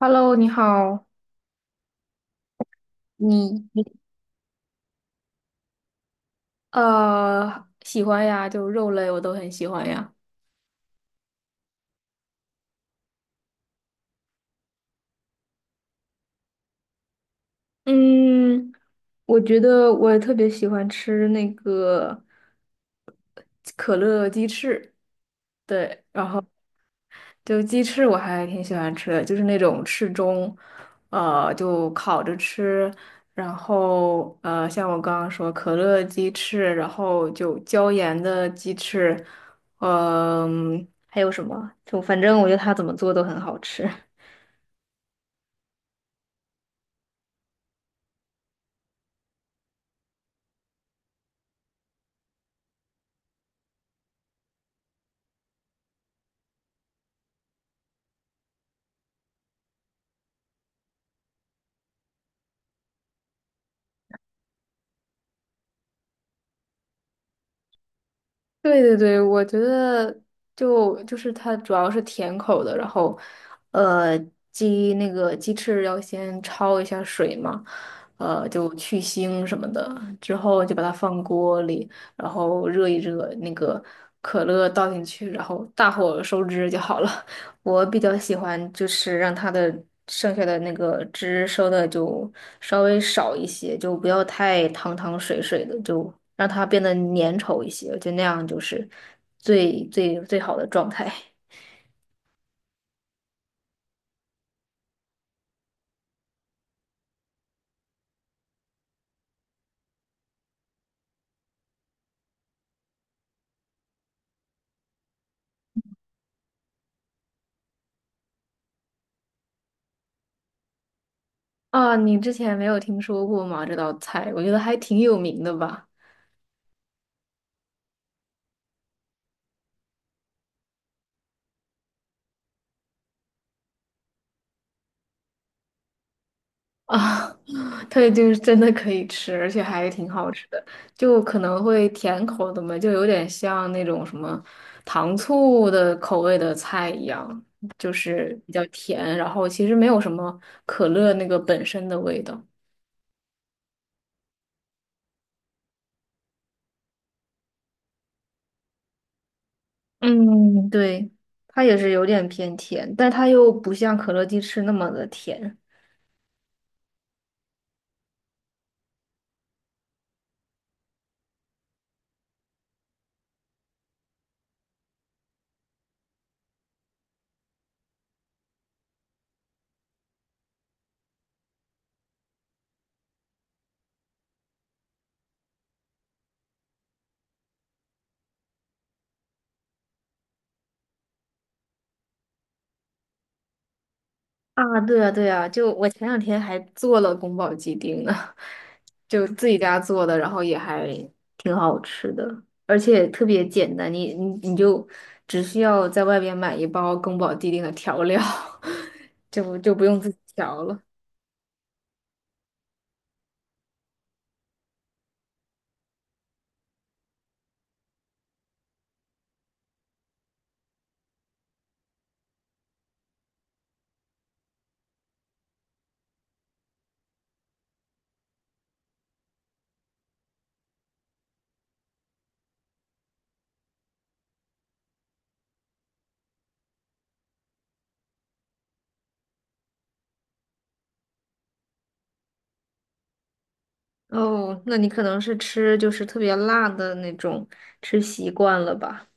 Hello，你好。你喜欢呀，就肉类我都很喜欢呀。嗯，我觉得我特别喜欢吃那个可乐鸡翅，对，然后就鸡翅我还挺喜欢吃的，就是那种翅中，就烤着吃，然后像我刚刚说可乐鸡翅，然后就椒盐的鸡翅，还有什么？就反正我觉得它怎么做都很好吃。对对对，我觉得就是它主要是甜口的，然后，呃，那个鸡翅要先焯一下水嘛，就去腥什么的，之后就把它放锅里，然后热一热，那个可乐倒进去，然后大火收汁就好了。我比较喜欢就是让它的剩下的那个汁收的就稍微少一些，就不要太汤汤水水的，就让它变得粘稠一些，我觉得那样就是最好的状态。啊，你之前没有听说过吗？这道菜，我觉得还挺有名的吧。啊，它就是真的可以吃，而且还挺好吃的，就可能会甜口的嘛，就有点像那种什么糖醋的口味的菜一样，就是比较甜，然后其实没有什么可乐那个本身的味道。嗯，对，它也是有点偏甜，但它又不像可乐鸡翅那么的甜。啊，对啊，对啊，就我前两天还做了宫保鸡丁呢，就自己家做的，然后也还挺好吃的，而且特别简单，你就只需要在外边买一包宫保鸡丁的调料，就不用自己调了。哦，那你可能是吃就是特别辣的那种，吃习惯了吧？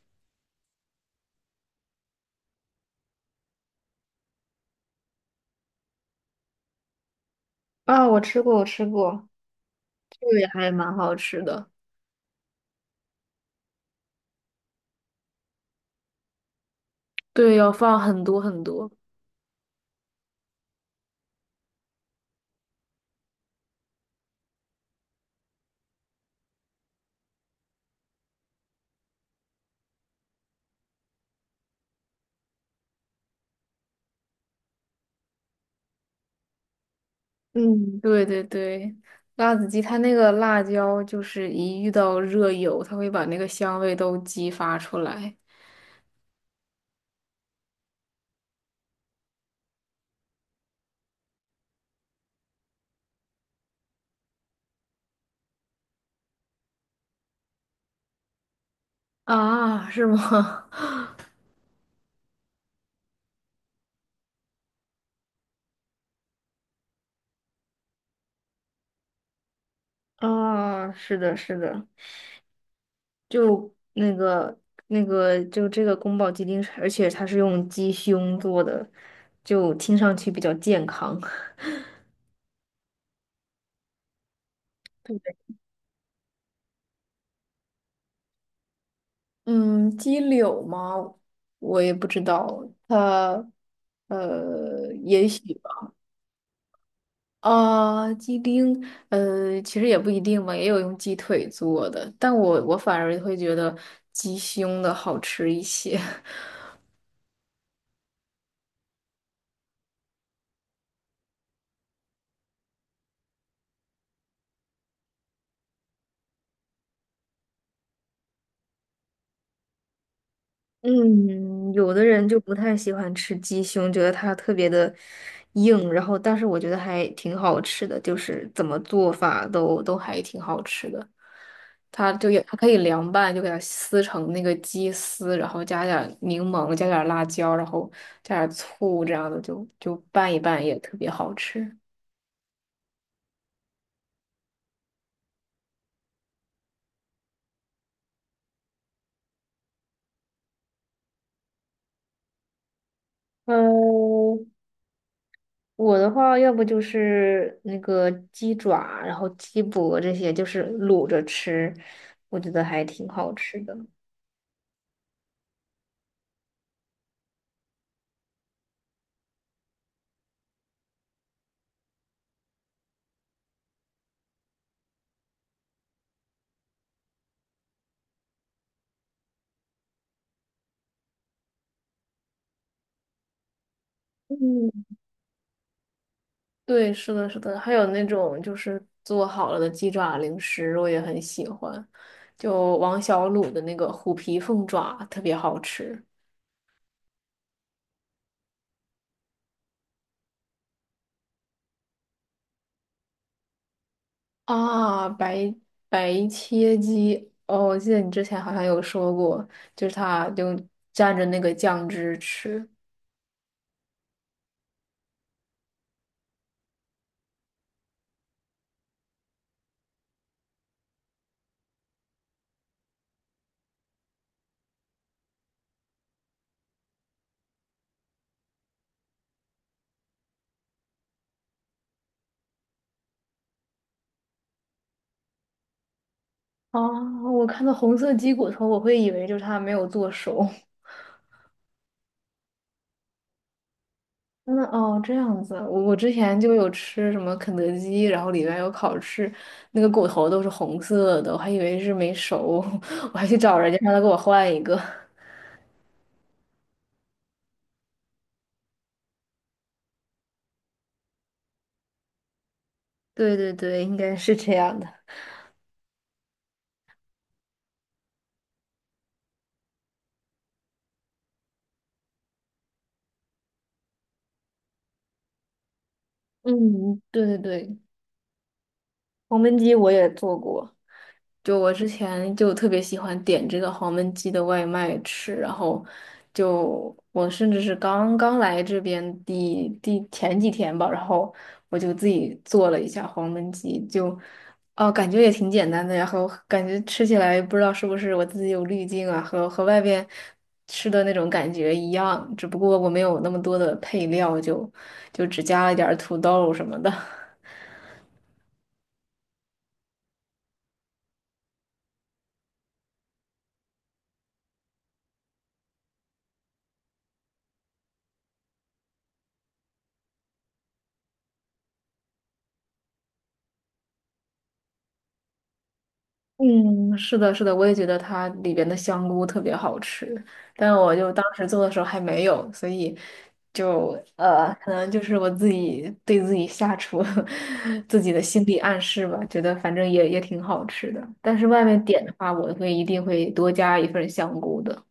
啊，我吃过，这个也还蛮好吃的。对，要放很多很多。嗯，对对对，辣子鸡它那个辣椒就是一遇到热油，它会把那个香味都激发出来。啊，是吗？啊，是的，是的，就那个那个，就这个宫保鸡丁是而且它是用鸡胸做的，就听上去比较健康。嗯，鸡柳吗？我也不知道，它也许。啊，鸡丁，呃，其实也不一定吧，也有用鸡腿做的，但我反而会觉得鸡胸的好吃一些。嗯，有的人就不太喜欢吃鸡胸，觉得它特别的硬，然后但是我觉得还挺好吃的，就是怎么做法都还挺好吃的。它就也它可以凉拌，就给它撕成那个鸡丝，然后加点儿柠檬，加点儿辣椒，然后加点儿醋，这样的就拌一拌也特别好吃。嗯，我的话，要不就是那个鸡爪，然后鸡脖这些，就是卤着吃，我觉得还挺好吃的。嗯，对，是的，是的，还有那种就是做好了的鸡爪零食，我也很喜欢，就王小卤的那个虎皮凤爪特别好吃。啊，白白切鸡，哦，我记得你之前好像有说过，就是他就蘸着那个酱汁吃，哦，我看到红色鸡骨头，我会以为就是它没有做熟。嗯，哦，这样子，我之前就有吃什么肯德基，然后里面有烤翅，那个骨头都是红色的，我还以为是没熟，我还去找人家让他给我换一个。对对对，应该是这样的。嗯，对对对，黄焖鸡我也做过。就我之前就特别喜欢点这个黄焖鸡的外卖吃，然后就我甚至是刚刚来这边前几天吧，然后我就自己做了一下黄焖鸡，就哦感觉也挺简单的，然后感觉吃起来不知道是不是我自己有滤镜啊，和外边吃的那种感觉一样，只不过我没有那么多的配料，就只加了一点儿土豆什么的。嗯，是的，是的，我也觉得它里边的香菇特别好吃，但我就当时做的时候还没有，所以可能就是我自己对自己下厨 自己的心理暗示吧，觉得反正也挺好吃的。但是外面点的话，我会一定会多加一份香菇的。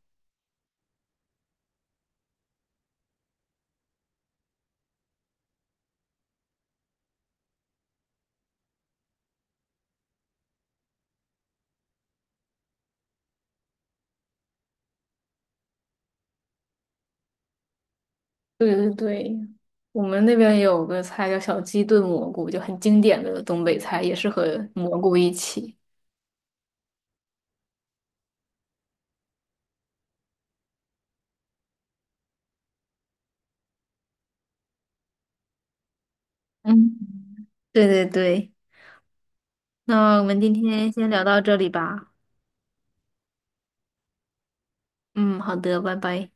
对对对，我们那边也有个菜叫小鸡炖蘑菇，就很经典的东北菜，也是和蘑菇一起。嗯，对对对。那我们今天先聊到这里吧。嗯，好的，拜拜。